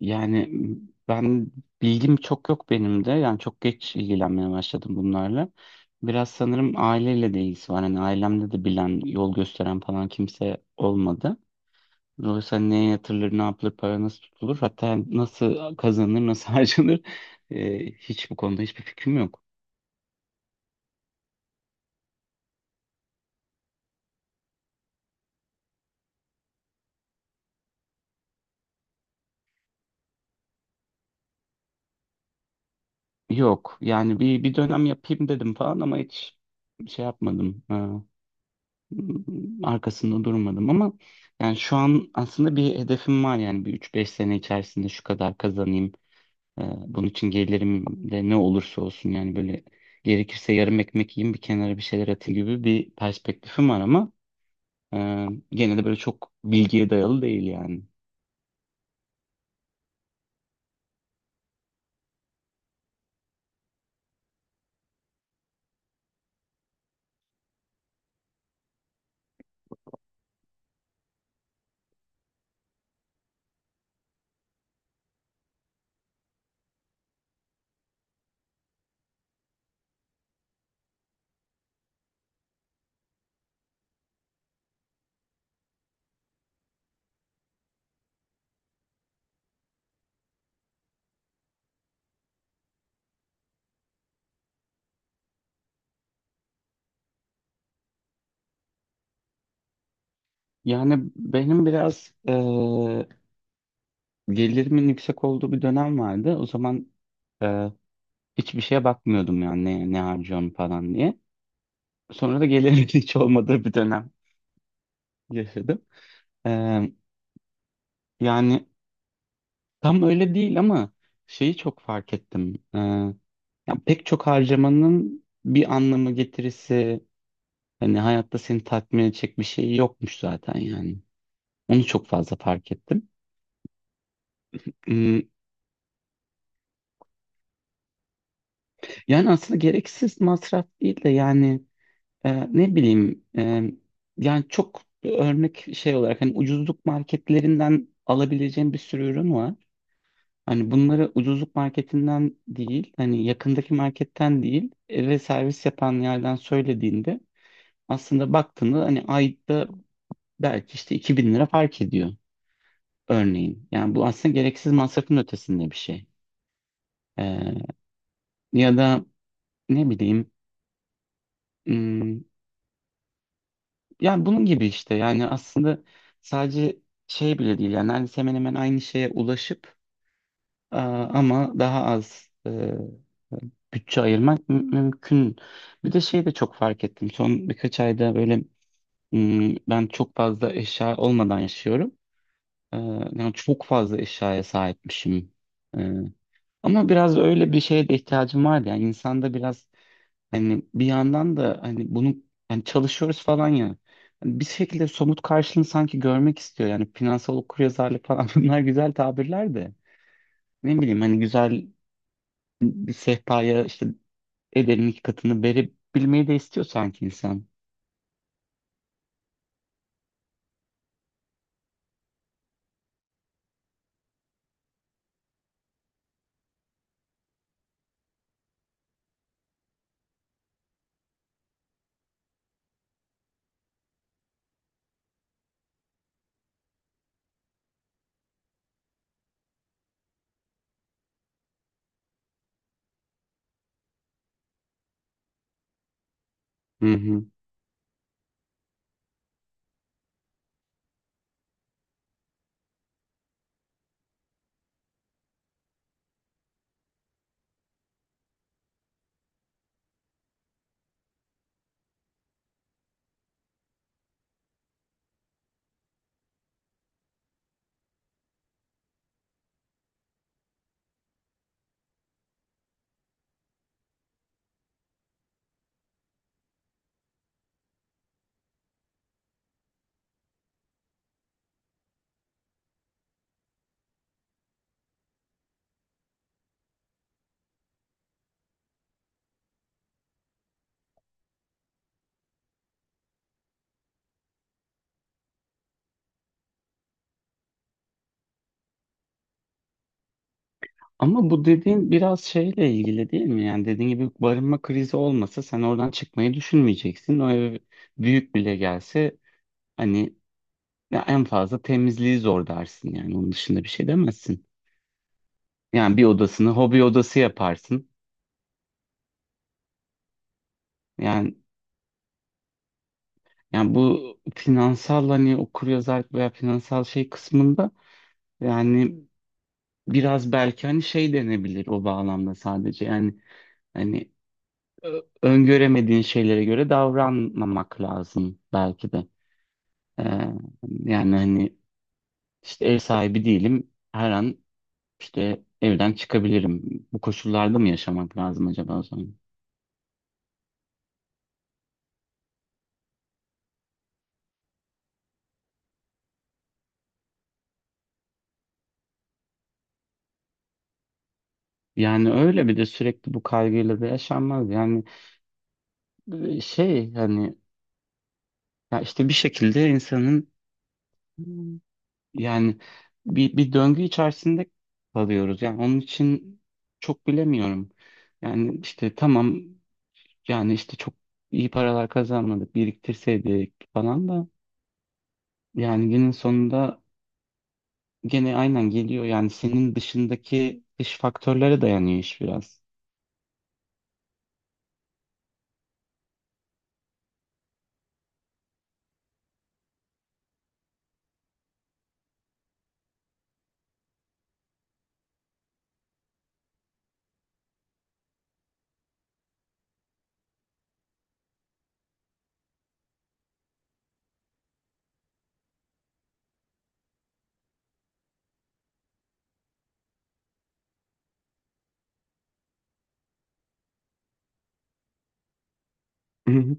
Yani ben bilgim çok yok benim de. Yani çok geç ilgilenmeye başladım bunlarla. Biraz sanırım aileyle de ilgisi var. Hani ailemde de bilen, yol gösteren falan kimse olmadı. Dolayısıyla hani neye yatırılır, ne yapılır, para nasıl tutulur, hatta nasıl kazanılır, nasıl harcanır hiç bu konuda hiçbir fikrim yok. Yok yani bir dönem yapayım dedim falan ama hiç şey yapmadım. Arkasında durmadım ama yani şu an aslında bir hedefim var yani bir üç beş sene içerisinde şu kadar kazanayım. Bunun için gelirim de ne olursa olsun yani böyle gerekirse yarım ekmek yiyeyim bir kenara bir şeyler atayım gibi bir perspektifim var ama e, gene de böyle çok bilgiye dayalı değil yani. Yani benim biraz gelirimin yüksek olduğu bir dönem vardı. O zaman e, hiçbir şeye bakmıyordum yani ne harcıyorum falan diye. Sonra da gelirimin hiç olmadığı bir dönem yaşadım. Ee, Yani tam öyle değil ama şeyi çok fark ettim. Ya pek çok harcamanın bir anlamı getirisi hani hayatta seni tatmin edecek bir şey yokmuş zaten yani. Onu çok fazla fark ettim. Hmm, Yani aslında gereksiz masraf değil de yani ne bileyim yani çok örnek şey olarak hani ucuzluk marketlerinden alabileceğim bir sürü ürün var. Hani bunları ucuzluk marketinden değil, hani yakındaki marketten değil, eve servis yapan yerden söylediğinde aslında baktığında hani ayda belki işte 2.000 lira fark ediyor örneğin. Yani bu aslında gereksiz masrafın ötesinde bir şey. Ee, Ya da ne bileyim, hmm, yani bunun gibi işte yani aslında sadece şey bile değil yani neredeyse hemen hemen aynı şeye ulaşıp aa, ama daha az bütçe ayırmak mümkün. Bir de şey de çok fark ettim. Son birkaç ayda böyle ben çok fazla eşya olmadan yaşıyorum. Ee, Yani çok fazla eşyaya sahipmişim. Ee, Ama biraz öyle bir şeye de ihtiyacım vardı. Yani insanda biraz hani bir yandan da hani bunu yani çalışıyoruz falan ya. Hani bir şekilde somut karşılığını sanki görmek istiyor. Yani finansal okuryazarlık falan bunlar güzel tabirler de. Ne bileyim hani güzel bir sehpaya işte ederin iki katını verebilmeyi de istiyor sanki insan. Hı hı. Ama bu dediğin biraz şeyle ilgili değil mi? Yani dediğin gibi barınma krizi olmasa sen oradan çıkmayı düşünmeyeceksin. O ev büyük bile gelse hani ya en fazla temizliği zor dersin yani onun dışında bir şey demezsin. Yani bir odasını hobi odası yaparsın. Yani yani bu finansal hani okuryazarlık veya finansal şey kısmında yani biraz belki hani şey denebilir o bağlamda sadece yani hani öngöremediğin şeylere göre davranmamak lazım belki de. Ee, Yani hani işte ev sahibi değilim. Her an işte evden çıkabilirim. Bu koşullarda mı yaşamak lazım acaba o zaman? Yani öyle bir de sürekli bu kaygıyla da yaşanmaz. Yani şey hani ya işte bir şekilde insanın. Hmm. Yani bir döngü içerisinde kalıyoruz. Yani onun için çok bilemiyorum. Yani işte tamam. Yani işte çok iyi paralar kazanmadık, biriktirseydik falan da yani günün sonunda gene aynen geliyor. Yani senin dışındaki dış faktörlere dayanıyor iş biraz. Hı hı.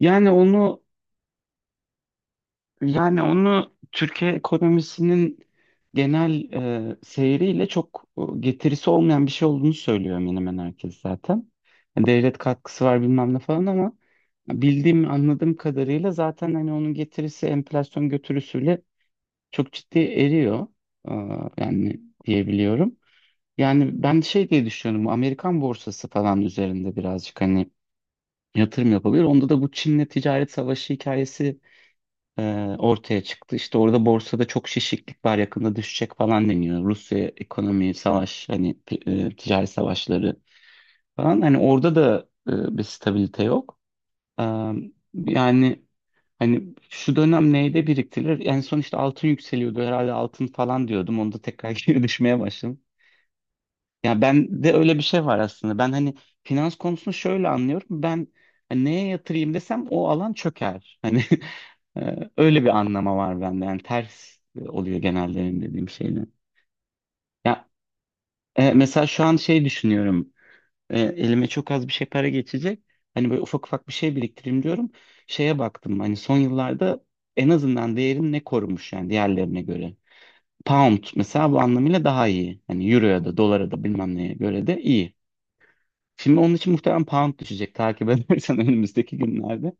Yani onu yani onu Türkiye ekonomisinin genel seyriyle çok getirisi olmayan bir şey olduğunu söylüyor hemen hemen herkes zaten. Yani devlet katkısı var bilmem ne falan ama bildiğim anladığım kadarıyla zaten hani onun getirisi enflasyon götürüsüyle çok ciddi eriyor. Yani diyebiliyorum. Yani ben şey diye düşünüyorum. Bu Amerikan borsası falan üzerinde birazcık hani yatırım yapabilir. Onda da bu Çin'le ticaret savaşı hikayesi e, ortaya çıktı. İşte orada borsada çok şişiklik var, yakında düşecek falan deniyor. Rusya ekonomi, savaş, hani ticaret savaşları falan. Hani orada da bir stabilite yok. Ee, yani hani şu dönem neyde biriktirilir? En son işte altın yükseliyordu herhalde altın falan diyordum. Onda tekrar geri düşmeye başladım. Ya ben de öyle bir şey var aslında. Ben hani finans konusunu şöyle anlıyorum. Ben hani neye yatırayım desem o alan çöker. Hani öyle bir anlama var bende. Yani ters oluyor genelde benim dediğim şeyle. Ya mesela şu an şey düşünüyorum. Elime çok az bir şey para geçecek. Hani böyle ufak ufak bir şey biriktireyim diyorum. Şeye baktım hani son yıllarda en azından değerini ne korumuş yani diğerlerine göre. Pound mesela bu anlamıyla daha iyi. Hani euroya da dolara da bilmem neye göre de iyi. Şimdi onun için muhtemelen pound düşecek takip edersen önümüzdeki günlerde.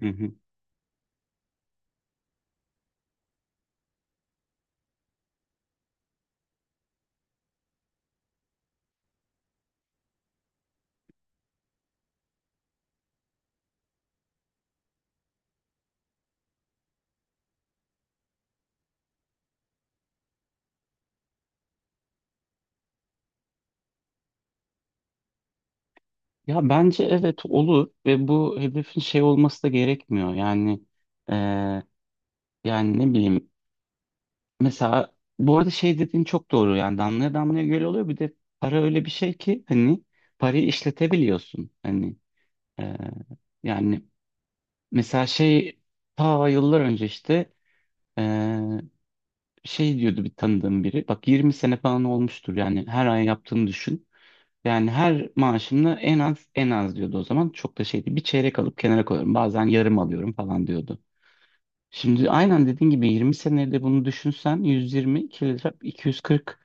Hı hı. Ya bence evet olur ve bu hedefin şey olması da gerekmiyor. E, yani ne bileyim. Mesela bu arada şey dediğin çok doğru yani damlaya damlaya göl oluyor bir de para öyle bir şey ki hani parayı işletebiliyorsun hani e, yani mesela şey ta yıllar önce işte e, şey diyordu bir tanıdığım biri, bak 20 sene falan olmuştur yani her ay yaptığını düşün yani, her maaşımda en az en az diyordu o zaman çok da şeydi, bir çeyrek alıp kenara koyuyorum bazen yarım alıyorum falan diyordu. Şimdi aynen dediğin gibi 20 senede bunu düşünsen 120 240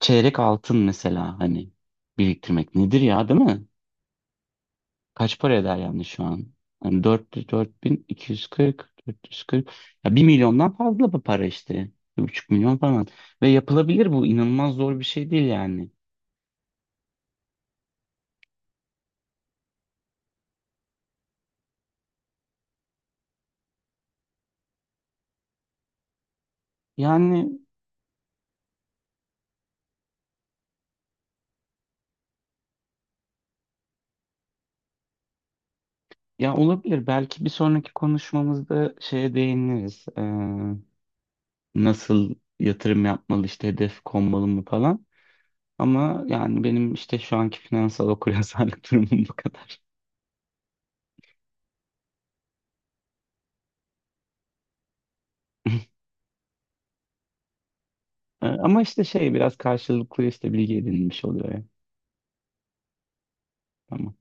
çeyrek altın mesela, hani biriktirmek nedir ya değil mi? Kaç para eder yani şu an? Hani 4, 4240, 440, ya 1 milyondan fazla bu para işte. 1,5 milyon falan. Ve yapılabilir bu inanılmaz zor bir şey değil yani. Yani ya olabilir belki bir sonraki konuşmamızda şeye değiniriz. Nasıl yatırım yapmalı işte hedef konmalı mı falan. Ama yani benim işte şu anki finansal okuryazarlık durumum bu kadar. Ama işte şey biraz karşılıklı işte bilgi edinilmiş oluyor ya. Tamam.